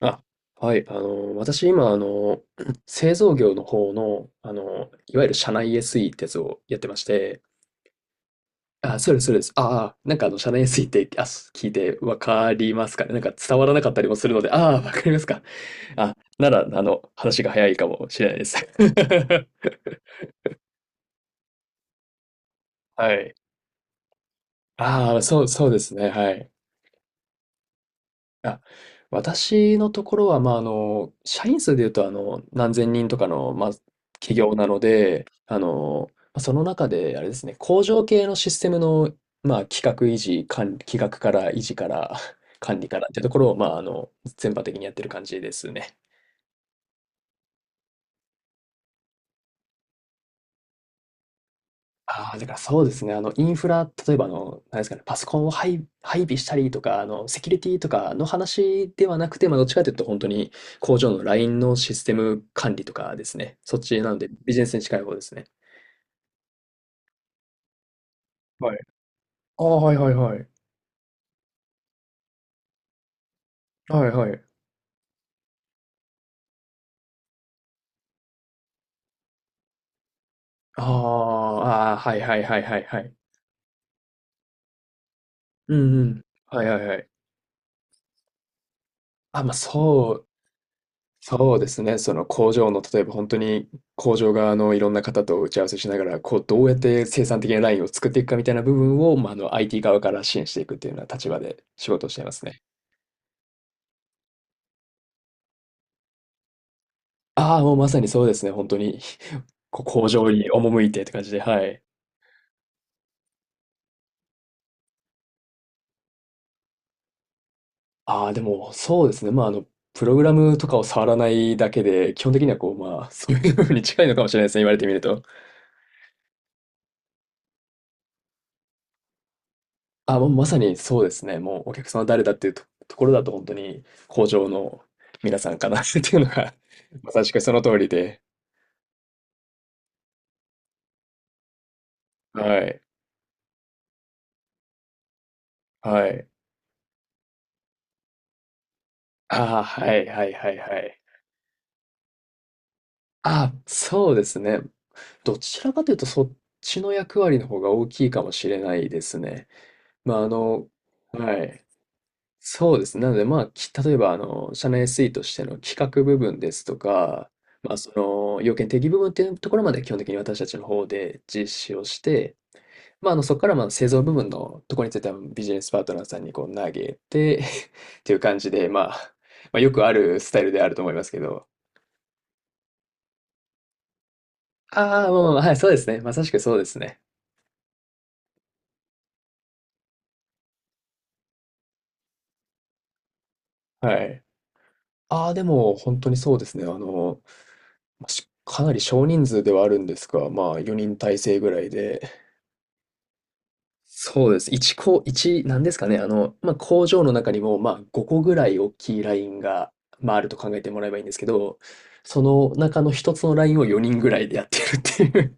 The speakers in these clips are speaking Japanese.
あ、私今、製造業の方の、いわゆる社内 SE ってやつをやってまして、あ、そうです、そうです。社内 SE って、聞いてわかりますかね。なんか伝わらなかったりもするので、ああ、わかりますか。あ、なら、話が早いかもしれないです。はい。ああ、そうそうですね。はい。あ、私のところは、社員数で言うと、何千人とかのまあ、企業なので、その中で、あれですね、工場系のシステムの、まあ、企画維持、管理、企画から維持から 管理からっていうところを、全般的にやってる感じですね。ああ、だからそうですね。あの、インフラ、例えばあの、なんですかね、パソコンを配備したりとか、あの、セキュリティとかの話ではなくて、まあ、どっちかというと本当に工場のラインのシステム管理とかですね。そっちなので、ビジネスに近い方ですね。はい。ああ、はいはいはい。はいはい。ああ、ああ、はいはいはいはいはい。うんうん。はいはいはい。あ、まあ、そうそうですね。その工場の、例えば本当に工場側のいろんな方と打ち合わせしながら、こう、どうやって生産的なラインを作っていくかみたいな部分を、まあ、あの、IT 側から支援していくっていうような立場で仕事をしていますね。ああ、もうまさにそうですね。本当に こう工場に赴いてって感じで、はい。ああ、でも、そうですね。まあ、あの、プログラムとかを触らないだけで、基本的にはこう、まあ、そういう部分に近いのかもしれないですね。言われてみると。あ、もうまさにそうですね。もうお客様誰だっていうと、ところだと本当に工場の皆さんかな っていうのが、まさしくその通りで。はい。はい。ああ、はいはいはいはい。あ、そうですね。どちらかというと、そっちの役割の方が大きいかもしれないですね。まあ、あの、はい。そうですね。なので、まあ、例えば、あの、社内 SE としての企画部分ですとか、まあ、その要件定義部分っていうところまで基本的に私たちの方で実施をして、まあ、あの、そこからまあ製造部分のところについてはビジネスパートナーさんにこう投げて っていう感じで、まあ、まあ、よくあるスタイルであると思いますけど。ああ、まあ、はい、そうですね。まさしくそうですね。はい。ああ、でも本当にそうですね。あの、まあしかなり少人数ではあるんですが、まあ4人体制ぐらいで、そうです。1こ、一なんですかね。あの、まあ、工場の中にも、まあ、5個ぐらい大きいラインがまあ、あると考えてもらえばいいんですけど、その中の一つのラインを4人ぐらいでやってるっていう。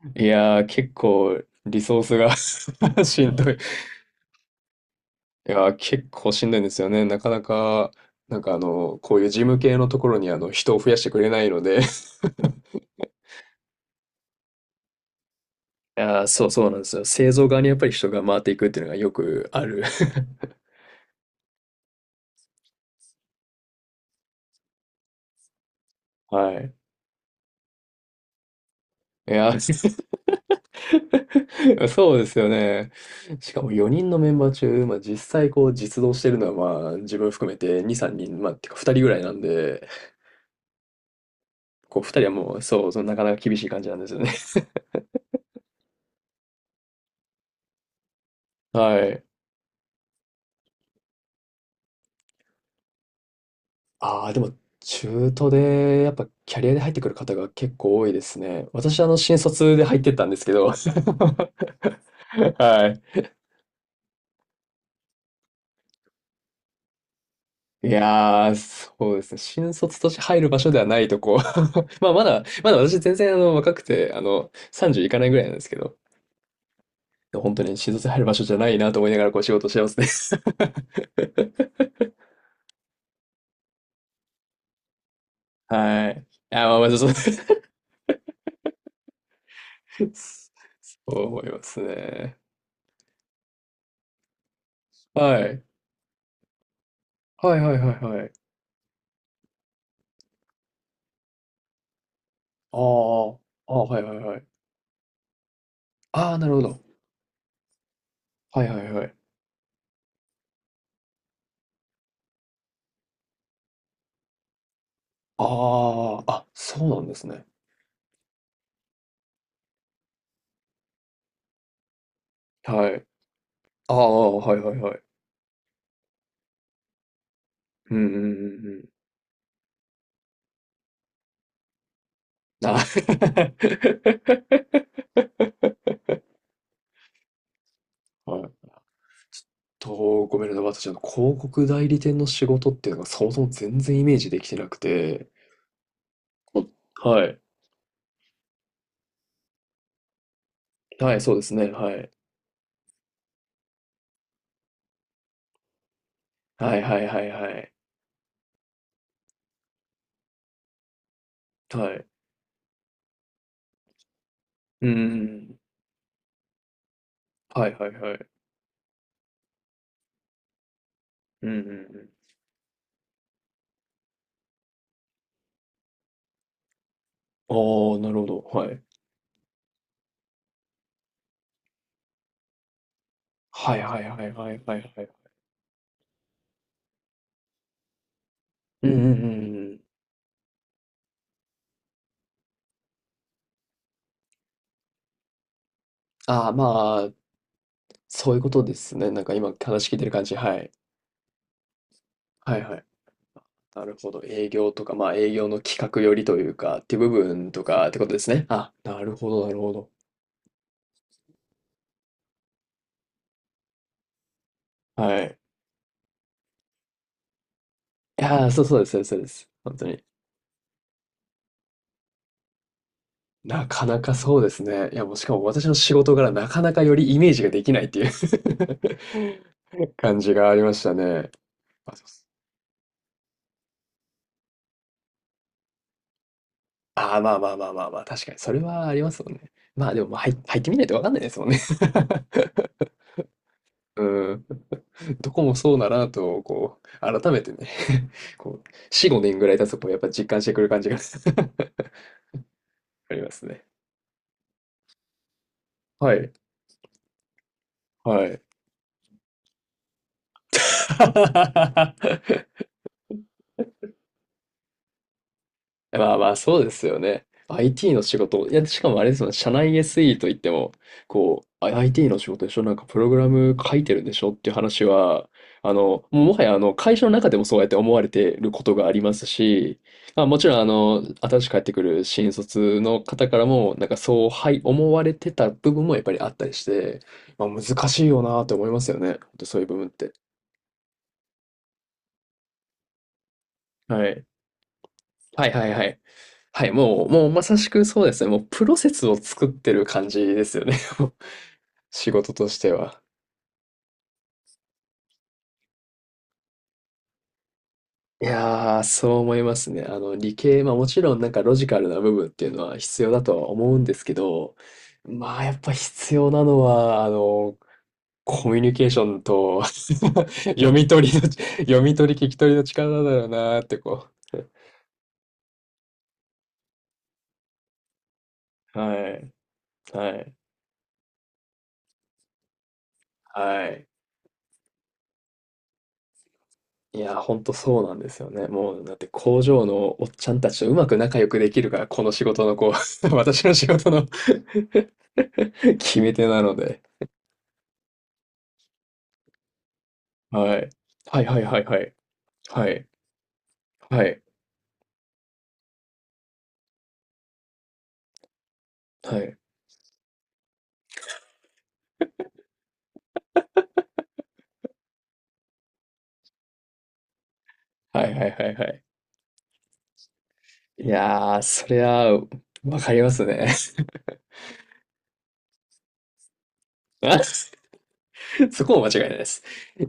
いやー、結構、リソースが しんどい。いやー、結構しんどいんですよね。なかなか、なんかあの、こういう事務系のところにあの、人を増やしてくれないので いやー、そうそうなんですよ。製造側にやっぱり人が回っていくっていうのがよくある。はい。いやー、そうですよね。しかも4人のメンバー中、まあ、実際こう実動してるのはまあ自分含めて2、3人、てか2人ぐらいなんで、こう2人はもう、そうなかなか厳しい感じなんですよね。はい。ああ、でも中途でやっぱキャリアで入ってくる方が結構多いですね。私、あの新卒で入ってったんですけど。はい。いやー、そうですね。新卒として入る場所ではないとこ。まあまだ、まだ私全然あの若くて、あの30いかないぐらいなんですけど。本当に診察入る場所じゃないなと思いながらこう仕事してますね。はい。あ、まあまあ、そう、そう思いますね。はい。はいはいはいはい。あーあー、はいはいはい。ああ、なるほど。はいはいはい。ああ、あ、そうなんですね。はい。ああ、はいはいはい。うんうんうんうん。あ、はい。と、ごめんなさい。私、あの、広告代理店の仕事っていうのがそもそも全然イメージできてなくて。こはい。はい、そうですね。はい。はいはいはいはい。はい。うんうんうん。はいはいはい。うんうんうん。ああ、なるほど。はい。はいはいはいはいはいはい。うんうんうんうん。ああ、まあ、そういうことですね。なんか今話聞いてる感じ。はい。はいはい。なるほど。営業とか、まあ営業の企画寄りというか、っていう部分とかってことですね。あ、なるほどなるほど。はい。いやー、そうそうです、そうです、そうです。本当に。なかなかそうですね。いや、もうしかも私の仕事柄なかなかよりイメージができないっていう 感じがありましたね。あ、そうっすあー、まあ、確かに、それはありますもんね。まあでも、入ってみないとわかんないですもんね。うん。どこもそうだなと、こう、改めてね こう、4、5年ぐらい経つと、こう、やっぱ実感してくる感じが ありますね。はい。はい。まあまあ、そうですよね。IT の仕事。いや、しかもあれですもん、社内 SE といっても、こう、 IT の仕事でしょ、なんかプログラム書いてるんでしょっていう話は、あの、もうもはやあの、会社の中でもそうやって思われてることがありますし、まあ、もちろんあの、新しく帰ってくる新卒の方からも、なんかそう、はい、思われてた部分もやっぱりあったりして、まあ難しいよなと思いますよね。本当そういう部分って。はい。はいはいはい。はい、もう、もうまさしくそうですね。もうプロセスを作ってる感じですよね。もう仕事としては。いやー、そう思いますね。あの、理系、まあもちろんなんかロジカルな部分っていうのは必要だとは思うんですけど、まあやっぱ必要なのは、あの、コミュニケーションと 読み取りの、読み取り聞き取りの力だよなーってこう。はい、はい、はい。いや、ほんとそうなんですよね。もう、だって工場のおっちゃんたちとうまく仲良くできるから、この仕事のこう、私の仕事の 決め手なので。はい。はいはいはいはい。はい。はい。はい。はいはいはいはい。いやー、そりゃ、わかりますね。あ、そこも間違いないです。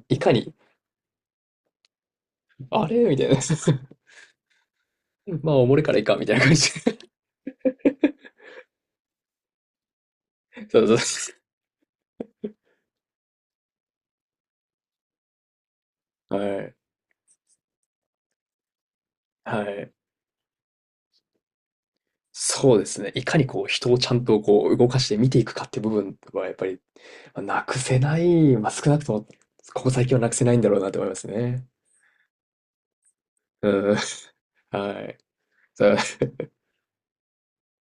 いかに、あれみたいな。まあ、おもれからいいか、みたいな感じで。そうそう。はい。はい。そうですね。いかにこう人をちゃんとこう動かして見ていくかって部分はやっぱり、ま、なくせない、まあ、少なくともここ最近はなくせないんだろうなと思いますね。うん、はい。